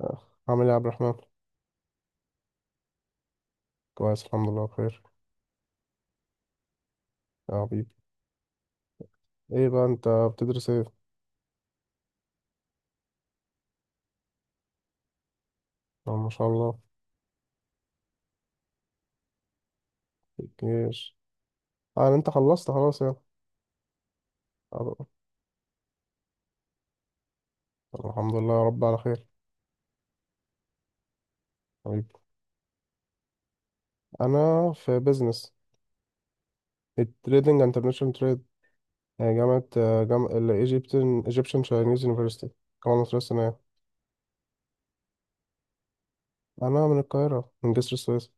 آه، عامل ايه يا عبد الرحمن؟ كويس، الحمد لله بخير. يا حبيبي. ايه بقى انت بتدرس ايه؟ ما شاء الله. في الجيش. اه، يعني انت خلصت خلاص يعني؟ آه، طب الحمد لله يا رب على خير. حبيبي. انا في بيزنس، التريدنج انترناشونال تريد. جامعة الايجيبتين ايجيبشن تشاينيز يونيفرسيتي، الجامعة المصرية الصينية. انا من القاهرة، من جسر السويس.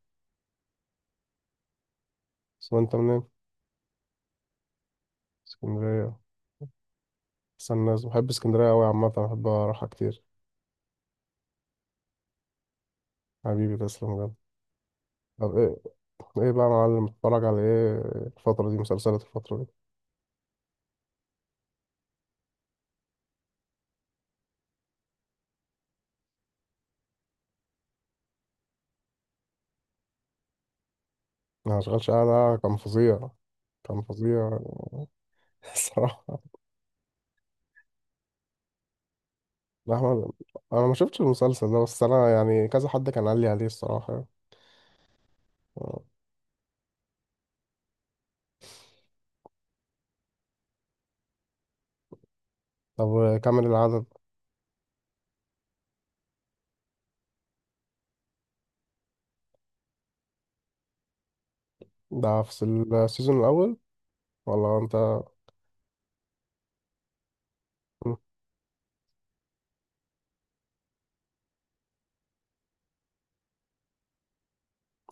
بس انت منين؟ اسكندرية. بس الناس بحب اسكندرية قوي عامة، بحب اروحها كتير. حبيبي، تسلم بجد. طب ايه؟ ايه بقى يا معلم، اتفرج على ايه؟ الفترة دي، مسلسلات الفترة دي؟ انا مشغلش، انا كان فظيع. كان فظيع. الصراحة. لا، أحمد، انا ما شفتش المسلسل ده، بس انا يعني كذا حد كان قال لي عليه الصراحة يعني. آه. طب كمل العدد. ده في السيزون الاول ولا انت؟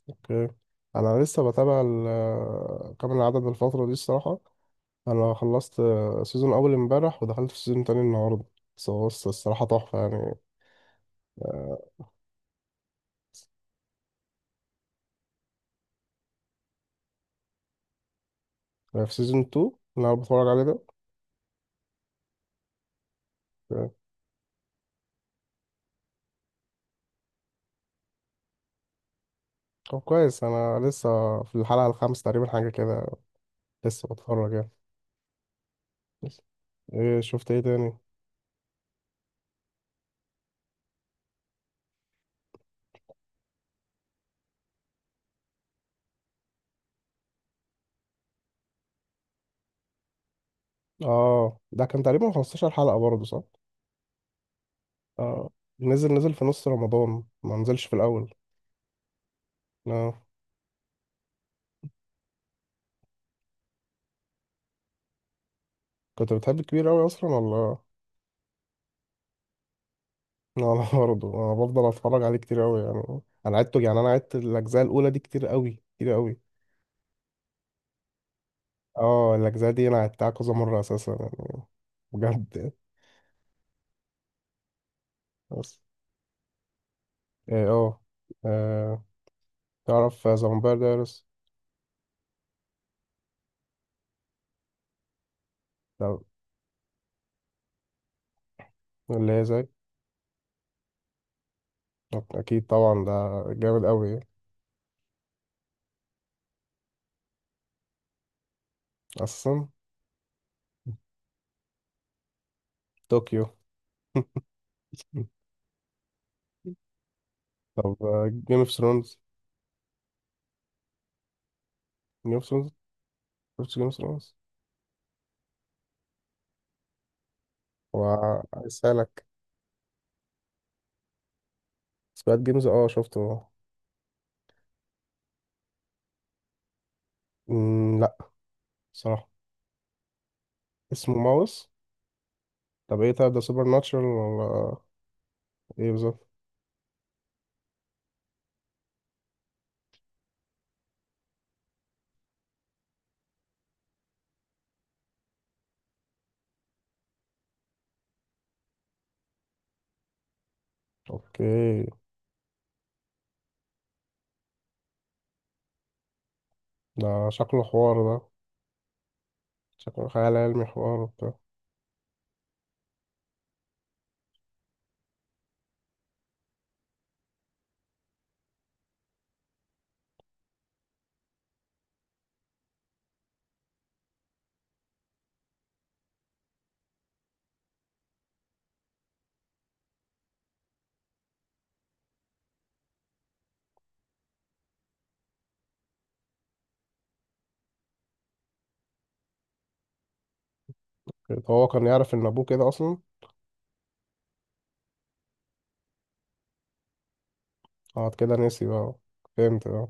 اوكي، انا لسه بتابع كامل العدد الفترة دي الصراحة. انا خلصت سيزون اول امبارح، ودخلت في سيزون تاني النهاردة. بس هو الصراحة تحفة يعني. آه، في سيزون 2 اللي انا بتفرج عليه ده. طب كويس، انا لسه في الحلقة الخامسة تقريبا، حاجة كده. لسه بتفرج يعني. بس. ايه شفت ايه تاني؟ اه، ده كان تقريبا 15 حلقة برضه، صح؟ اه، نزل في نص رمضان، ما نزلش في الاول. اه، كنت بتحب الكبير قوي اصلا ولا؟ انا برضه انا بفضل اتفرج عليه كتير قوي يعني. انا عدته يعني، انا عدت الاجزاء الاولى دي كتير قوي، كتير قوي. اه، الاجزاء دي انا عدتها كذا مرة اساسا يعني، بجد. بس ايه، اه. آه، تعرف ذا فامباير دايرس؟ اللي هي زي. طب اكيد طبعا، ده جامد قوي اصلا. طوكيو. طب جيم اوف ثرونز؟ جيم اوف ثرونز. شفت جيم اوف ثرونز؟ وعايز اسالك. سمعت جيمز. اه، شفته. مم، لا. صراحه. اسمه ماوس. طب ايه طيب، ده سوبر ناتشرال ولا؟ ايه بالظبط؟ اوكي. ده شكله حوار ده، شكله خيال علمي حوار وبتاع. أوكي. طب هو كان يعرف ان ابوه كده اصلا؟ اه، كده نسي بقى، فهمت بقى.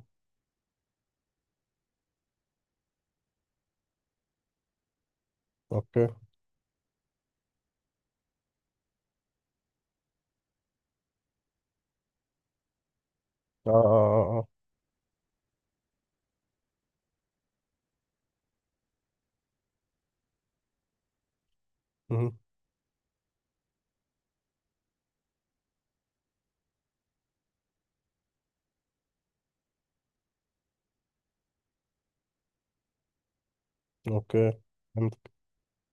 اوكي، اه، اه، اه, آه. مهم. اوكي،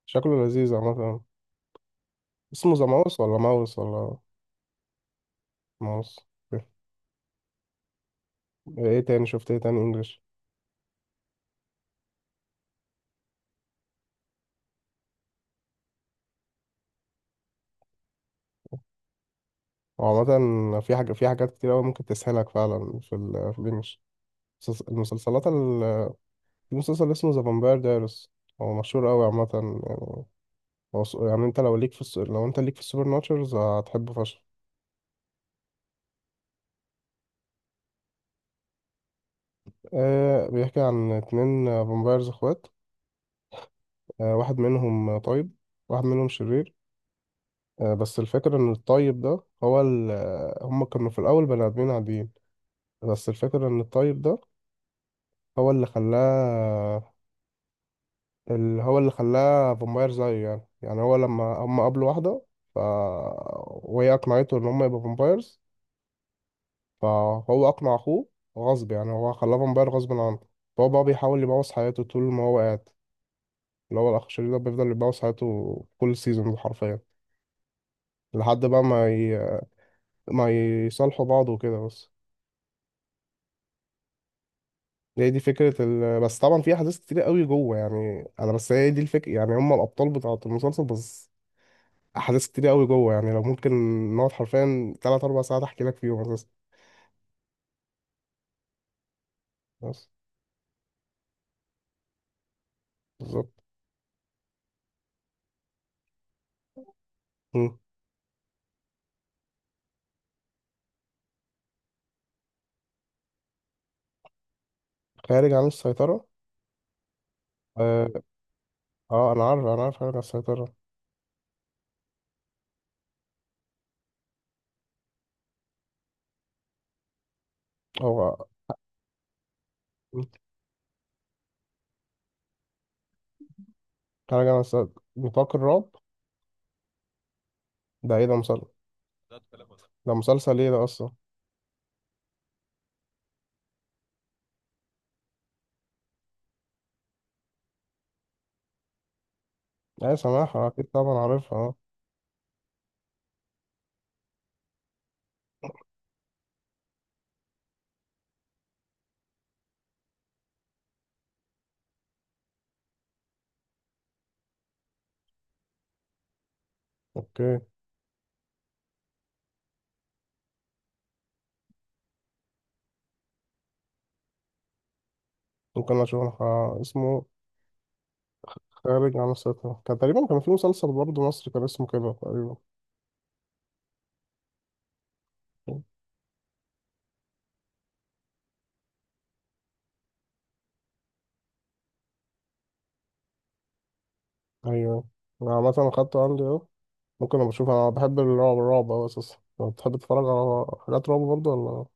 شكله لذيذ عامة. اسمه ذا ماوس ولا ماوس ولا ماوس؟ ايه؟ إيه تاني، شفت ايه تاني انجلش؟ وعامة في حاجة، في حاجات كتير أوي ممكن تسهلك فعلا في الانجلش. المسلسلات ال... في مسلسل اسمه ذا فامباير دايرس، هو مشهور أوي عامة يعني. يعني انت لو انت ليك في السوبر ناتشرز هتحبه فشخ. آه، بيحكي عن اتنين فامبايرز اخوات. آه، واحد منهم طيب، واحد منهم شرير. بس الفكرة إن الطيب ده هو ال... آه، هم كانوا في الأول بني آدمين عاديين. بس الفكرة ان الطيب ده هو اللي خلاه، اللي هو اللي خلاه فامباير زيه يعني. يعني هو لما هم قابلوا واحدة، ف وهي اقنعته ان هم يبقوا فامبايرز، فهو اقنع اخوه غصب، يعني هو خلاه فامباير غصب عنه. فهو بقى بيحاول يبوظ حياته طول ما هو قاعد، اللي هو الاخ الشرير ده بيفضل يبوظ حياته كل سيزون حرفيا، لحد بقى ما ي... ما يصالحوا بعض وكده بس. هي دي فكرة ال... بس طبعا في أحداث كتير قوي جوه يعني، أنا بس هي دي الفكرة، يعني هم الأبطال بتاعة المسلسل بس. احداث كتير قوي جوه يعني، لو ممكن نقعد حرفيا تلات اربع ساعات احكي لك فيهم اساسا. بس بالظبط. مم. خارج عن السيطره. اه, انا عارف، انا عارف خارج عن السيطره. هو. مم. خارج عن السيطره، نطاق الرعب. ده ايه ده، مسلسل؟ ده مسلسل ايه ده اصلا؟ ايه سماحة، اكيد طبعا عارفها. آه. اوكي، ممكن اشوف. اسمه؟ خارج عن السيطرة، كان تقريبا في مسلسل برضه مصري كان اسمه كده تقريبا. ايوه، انا عامة اخدته عندي اهو. ممكن أبقى أشوف، أنا بحب الرعب، الرعب أوي أساسا. أنت بتحب تتفرج على حاجات رعب برضه ولا؟ أوكي.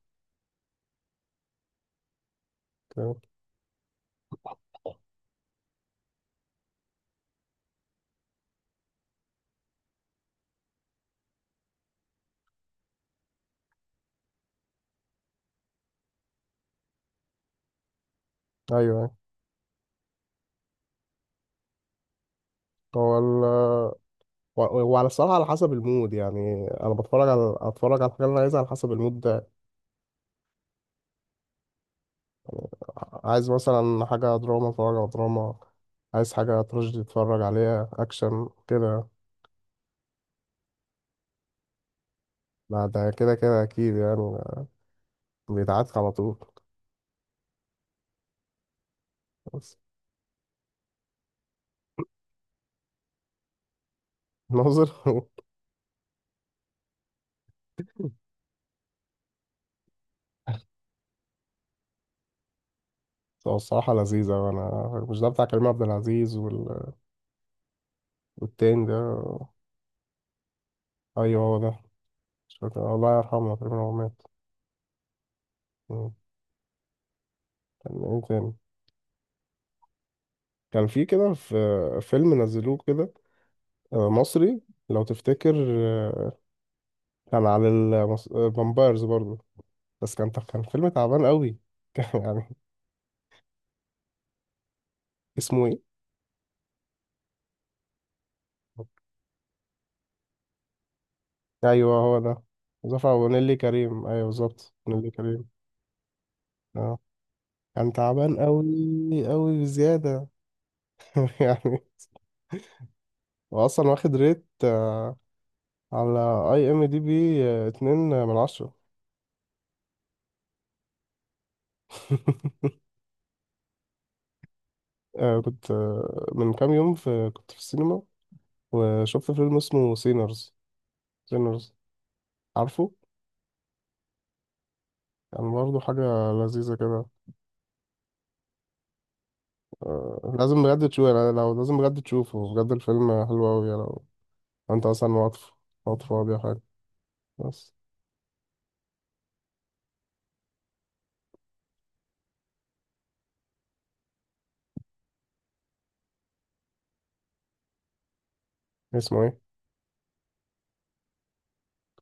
أيوه، أيوه. هو ال... وعلى الصراحة على حسب المود، يعني أنا بتفرج على أتفرج على الحاجة اللي أنا عايزها على حسب المود ده. عايز مثلا حاجة دراما أتفرج على دراما، عايز حاجة تراجيدي أتفرج عليها، أكشن كده. لا، ده كده كده أكيد يعني، بيتعاد على طول. بس. ناظر. هو الصراحة لذيذة، وأنا مش ده بتاع كريم عبد العزيز وال... والتاني ده؟ أيوه، هو ده. شكرا، الله يرحمه تقريبا هو مات. مم. كان ايه تاني؟ كان في كده، في فيلم نزلوه كده، مصري، لو تفتكر. كان على الفامبايرز برضه. بس كان فيلم تعبان قوي، كان يعني. اسمه ايه؟ ايوه هو ده. ونيلي كريم، ايوه بالظبط، نيلي كريم. اه، كان تعبان قوي قوي بزياده. يعني، واصلا واخد ريت على اي ام دي بي، 2/10. آه، كنت من كام يوم كنت في السينما، وشفت فيلم اسمه سينرز. سينرز، عارفه؟ يعني برضه حاجة لذيذة كده. آه، لازم بجد تشوفه يعني، لو لازم بجد تشوفه، بجد الفيلم حلو أوي يعني، لو لو أنت أصلا واقف، فاضي أو حاجة. بس. اسمه إيه؟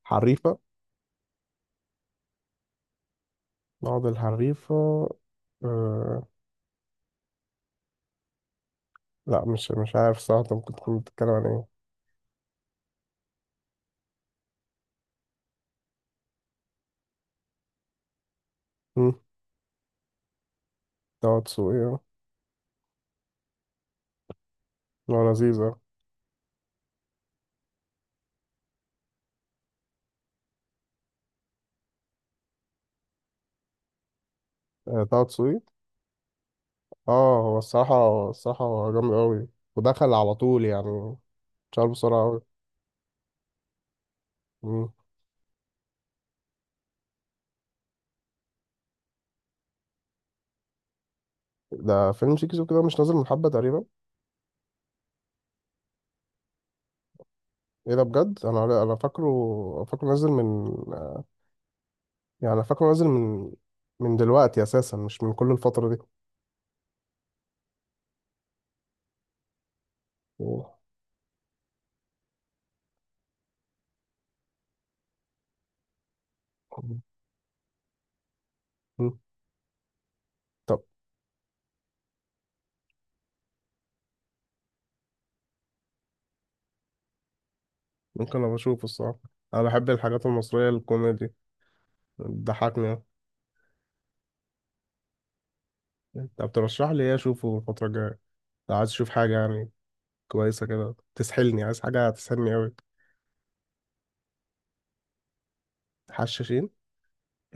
حريفة؟ بعض الحريفة؟ آه، لا، مش عارف صراحة أنت ممكن تكون بتتكلم عن إيه. مم، طه دسوقي. هو لذيذ. طه دسوقي. اه، هو الصراحة، الصراحة هو جامد أوي، ودخل على طول يعني، اتشهر بسرعة أوي. مم. ده فيلم شيكي سوكي، ده مش نازل من حبة تقريبا؟ ايه ده بجد، انا فاكره نازل من، يعني انا فاكره نازل من من دلوقتي اساسا، مش من كل الفترة دي. أوه. مم. طب، ممكن ابقى اشوفه الصراحة. انا بحب الحاجات المصرية الكوميدي، بتضحكني. انت بترشح لي ايه اشوفه الفترة الجاية، لو عايز اشوف حاجة يعني كويسة كده تسحلني، عايز حاجة تسحلني أوي؟ حشاشين؟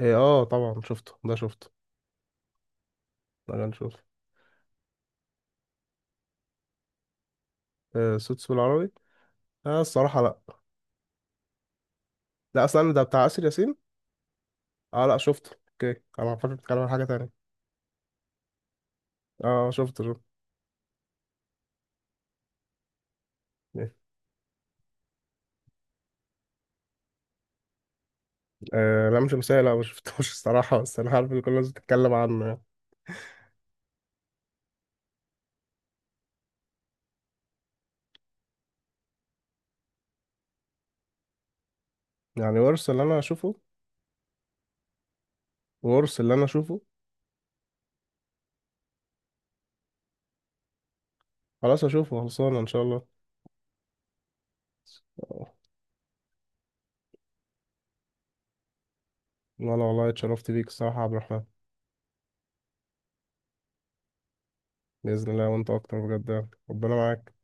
إيه، اه طبعا شفته، ده شفته. ده كان شفته. آه، سوتس بالعربي؟ آه، الصراحة لا. لا، استنى، ده بتاع آسر ياسين؟ اه، لا شفته، اوكي، انا فاكر بتتكلم عن حاجة تانية. اه، شفته شفته. إيه. آه، لا مش مثال، لا ما شفتوش، الصراحة، بس انا عارف ان كل الناس بتتكلم عنه يعني. يعني ورث اللي انا اشوفه؟ ورث اللي انا اشوفه؟ خلاص، اشوفه، خلصانة ان شاء الله. آه. انا والله اتشرفت بيك الصراحة يا عبد الرحمن. بإذن الله، وانت اكتر بجد يعني. ربنا معاك.